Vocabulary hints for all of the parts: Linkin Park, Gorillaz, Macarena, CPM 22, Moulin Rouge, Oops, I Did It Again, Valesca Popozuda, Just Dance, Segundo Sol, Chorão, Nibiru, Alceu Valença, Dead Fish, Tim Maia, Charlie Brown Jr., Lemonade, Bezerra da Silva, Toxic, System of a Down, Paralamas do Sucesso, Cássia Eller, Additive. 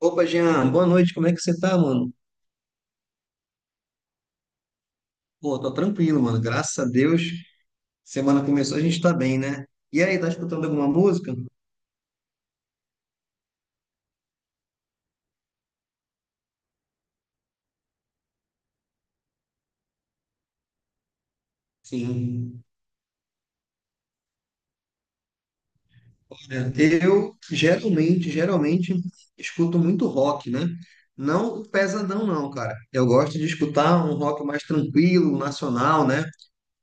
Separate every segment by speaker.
Speaker 1: Opa, Jean, boa noite, como é que você tá, mano? Pô, tô tranquilo, mano, graças a Deus. Semana começou, a gente tá bem, né? E aí, tá escutando alguma música? Sim. Olha, eu geralmente escuto muito rock, né? Não pesadão, não, cara. Eu gosto de escutar um rock mais tranquilo, nacional, né?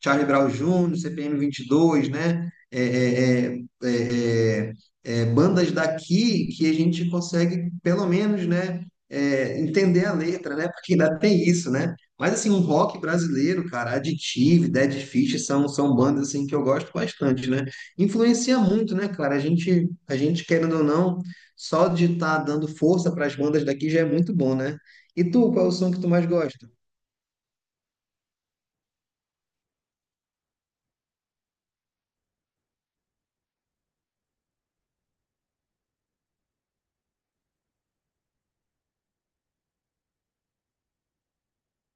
Speaker 1: Charlie Brown Jr., CPM 22, né? É, é, bandas daqui que a gente consegue, pelo menos, né? Entender a letra, né? Porque ainda tem isso, né? Mas assim, um rock brasileiro, cara, Additive, Dead Fish são bandas assim que eu gosto bastante, né? Influencia muito, né, cara? A gente querendo ou não, só de estar dando força para as bandas daqui já é muito bom, né? E tu, qual é o som que tu mais gosta?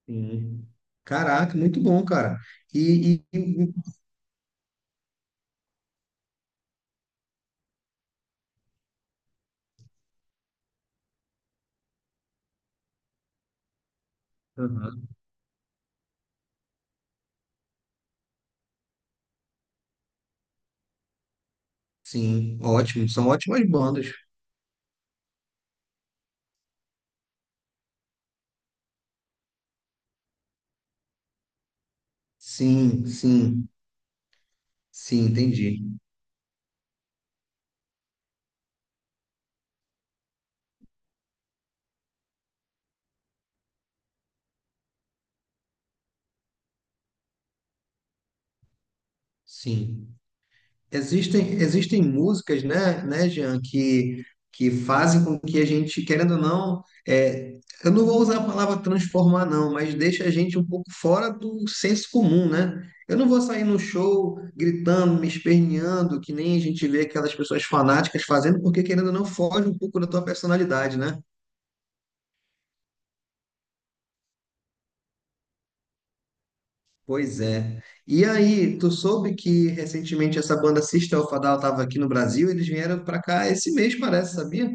Speaker 1: Sim. Caraca, muito bom, cara. E, e- e- Aham. Sim, ótimo. São ótimas bandas. Sim, sim, sim, entendi. Sim. Existem músicas, né, Jean, que fazem com que a gente, querendo ou não, eu não vou usar a palavra transformar, não, mas deixa a gente um pouco fora do senso comum, né? Eu não vou sair no show gritando, me esperneando, que nem a gente vê aquelas pessoas fanáticas fazendo, porque querendo ou não, foge um pouco da tua personalidade, né? Pois é. E aí, tu soube que recentemente essa banda System of a Down estava aqui no Brasil, eles vieram para cá esse mês, parece, sabia?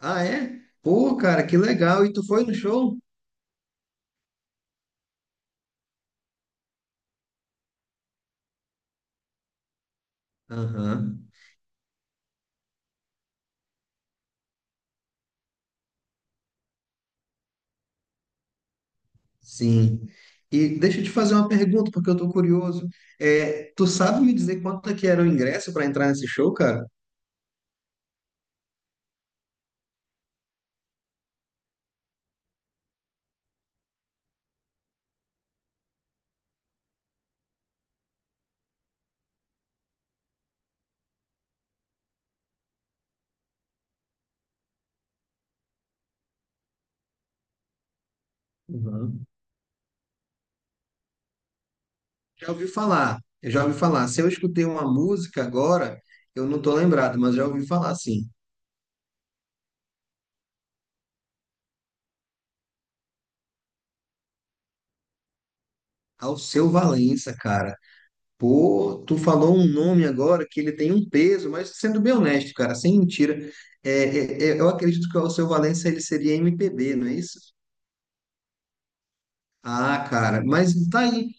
Speaker 1: Ah, é? Pô, cara, que legal. E tu foi no show? Aham, sim. E deixa eu te fazer uma pergunta, porque eu tô curioso. Tu sabe me dizer quanto é que era o ingresso para entrar nesse show, cara? Uhum. Já ouvi falar, eu já ouvi falar. Se eu escutei uma música agora, eu não tô lembrado, mas já ouvi falar, sim. Alceu Valença, cara. Pô, tu falou um nome agora que ele tem um peso, mas sendo bem honesto, cara, sem mentira, eu acredito que o Alceu Valença ele seria MPB, não é isso? Ah, cara, mas tá aí.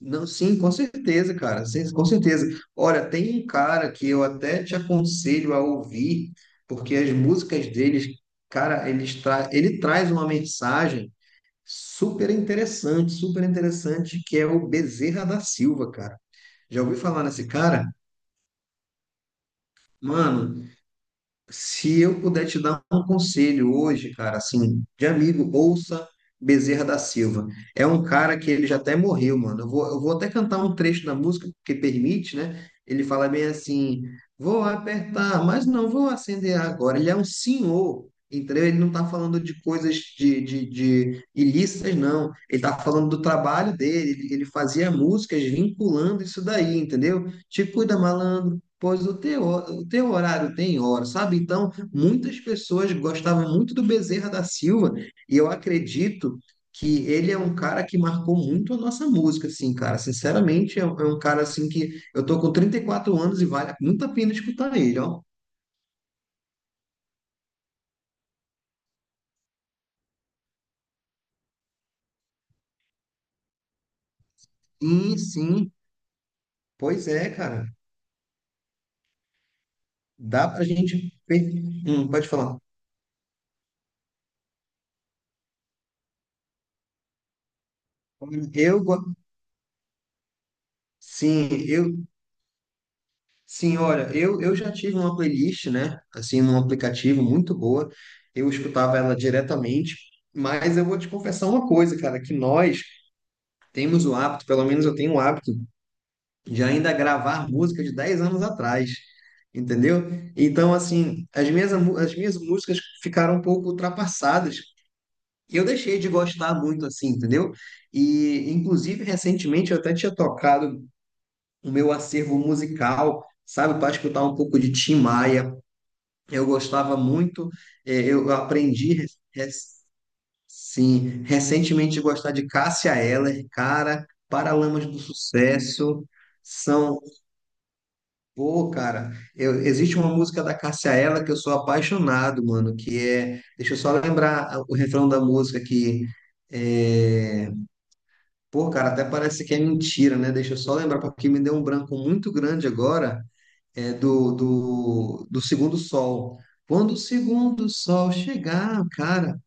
Speaker 1: Não, sim, com certeza, cara. Sim, com certeza. Olha, tem um cara que eu até te aconselho a ouvir, porque as músicas deles, cara, ele traz uma mensagem super interessante, que é o Bezerra da Silva, cara. Já ouviu falar nesse cara? Mano, se eu puder te dar um conselho hoje, cara, assim, de amigo, ouça Bezerra da Silva. É um cara que ele já até morreu, mano. Eu vou até cantar um trecho da música, porque permite, né? Ele fala bem assim: vou apertar, mas não vou acender agora. Ele é um senhor, entendeu? Ele não tá falando de coisas de ilícitas, não. Ele tá falando do trabalho dele. Ele fazia músicas vinculando isso daí, entendeu? Te cuida, malandro. Pois o teu horário tem hora, sabe? Então, muitas pessoas gostavam muito do Bezerra da Silva, e eu acredito que ele é um cara que marcou muito a nossa música, assim, cara. Sinceramente, é um cara, assim, que eu tô com 34 anos e vale muito a pena escutar ele, ó. Sim, sim, pois é, cara. Dá pra gente... Pode falar. Eu, go- sim, Sim, olha, eu já tive uma playlist, né? Assim, num aplicativo muito boa. Eu escutava ela diretamente, mas eu vou te confessar uma coisa, cara, que nós temos o hábito, pelo menos eu tenho o hábito, de ainda gravar música de 10 anos atrás, entendeu? Então, assim, as minhas músicas ficaram um pouco ultrapassadas. E eu deixei de gostar muito, assim, entendeu? E, inclusive, recentemente eu até tinha tocado o meu acervo musical sabe, para escutar um pouco de Tim Maia, eu gostava muito, eu aprendi, sim, recentemente a gostar de Cássia Eller, cara, Paralamas do Sucesso, são, pô, cara, existe uma música da Cássia Eller que eu sou apaixonado, mano, que é, deixa eu só lembrar o refrão da música que, é, pô, cara, até parece que é mentira, né? Deixa eu só lembrar, porque me deu um branco muito grande agora, do Segundo Sol. Quando o Segundo Sol chegar, cara,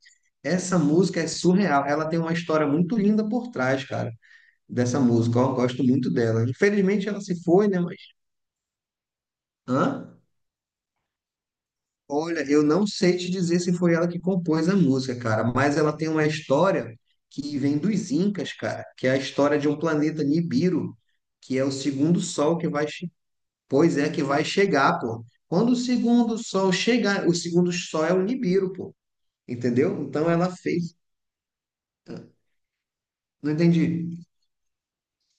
Speaker 1: essa música é surreal. Ela tem uma história muito linda por trás, cara, dessa música. Eu gosto muito dela. Infelizmente ela se foi, né? Mas. Hã? Olha, eu não sei te dizer se foi ela que compôs a música, cara, mas ela tem uma história que vem dos Incas, cara, que é a história de um planeta Nibiru, que é o segundo sol que vai. Pois é que vai chegar, pô. Quando o segundo sol chegar, o segundo sol é o Nibiru, pô. Entendeu? Então ela fez. Não entendi.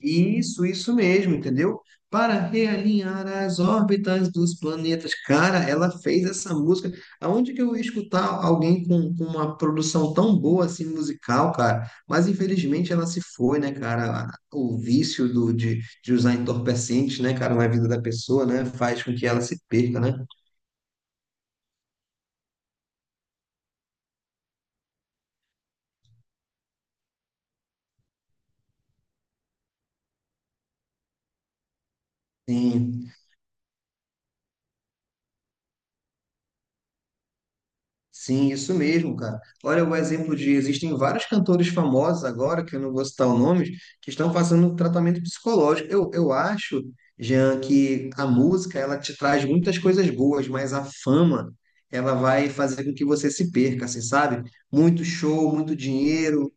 Speaker 1: Isso mesmo, entendeu? Para realinhar as órbitas dos planetas. Cara, ela fez essa música. Aonde que eu ia escutar alguém com uma produção tão boa assim musical, cara? Mas infelizmente ela se foi, né, cara? O vício de usar entorpecentes, né, cara, na vida da pessoa, né, faz com que ela se perca, né? Sim. Sim, isso mesmo, cara. Olha o exemplo de existem vários cantores famosos agora, que eu não vou citar o nome, que estão fazendo um tratamento psicológico. Eu acho, Jean, que a música ela te traz muitas coisas boas, mas a fama ela vai fazer com que você se perca, assim, sabe? Muito show, muito dinheiro.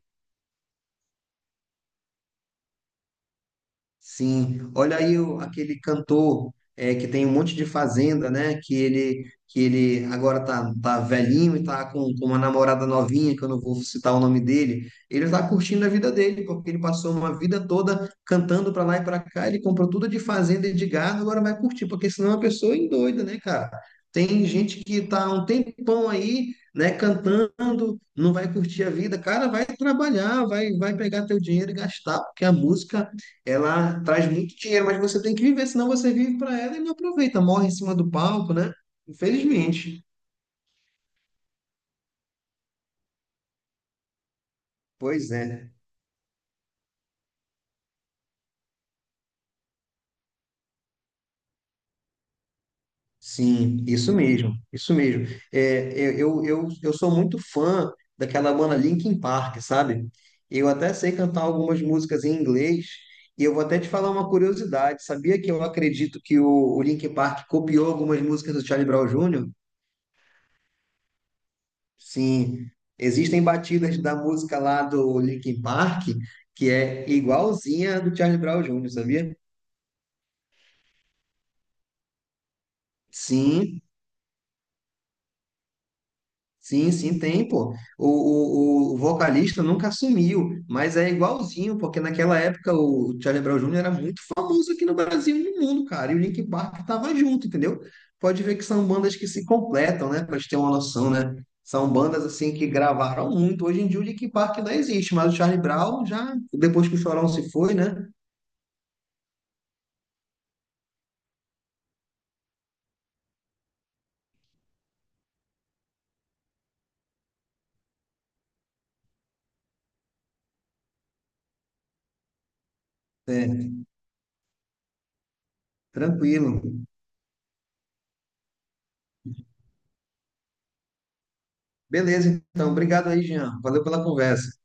Speaker 1: Sim, olha aí aquele cantor é, que tem um monte de fazenda, né? Que ele agora tá velhinho e tá com uma namorada novinha, que eu não vou citar o nome dele. Ele tá curtindo a vida dele, porque ele passou uma vida toda cantando para lá e para cá. Ele comprou tudo de fazenda e de gado, agora vai curtir, porque senão a pessoa endoida, né, cara? Tem gente que tá há um tempão aí, né, cantando, não vai curtir a vida. Cara, vai trabalhar, vai pegar teu dinheiro e gastar, porque a música ela traz muito dinheiro, mas você tem que viver, senão você vive para ela e não aproveita, morre em cima do palco, né? Infelizmente. Pois é, né? Sim, isso mesmo, isso mesmo. Eu sou muito fã daquela banda Linkin Park, sabe? Eu até sei cantar algumas músicas em inglês, e eu vou até te falar uma curiosidade. Sabia que eu acredito que o Linkin Park copiou algumas músicas do Charlie Brown Jr.? Sim, existem batidas da música lá do Linkin Park que é igualzinha a do Charlie Brown Jr., sabia? Sim, sim, sim, tem, pô. O vocalista nunca assumiu, mas é igualzinho, porque naquela época o Charlie Brown Jr. era muito famoso aqui no Brasil e no mundo, cara, e o Linkin Park tava junto, entendeu? Pode ver que são bandas que se completam, né, pra gente ter uma noção, né? São bandas, assim, que gravaram muito. Hoje em dia o Linkin Park ainda existe, mas o Charlie Brown já, depois que o Chorão se foi, né? Certo, tranquilo. Beleza, então. Obrigado aí, Jean. Valeu pela conversa.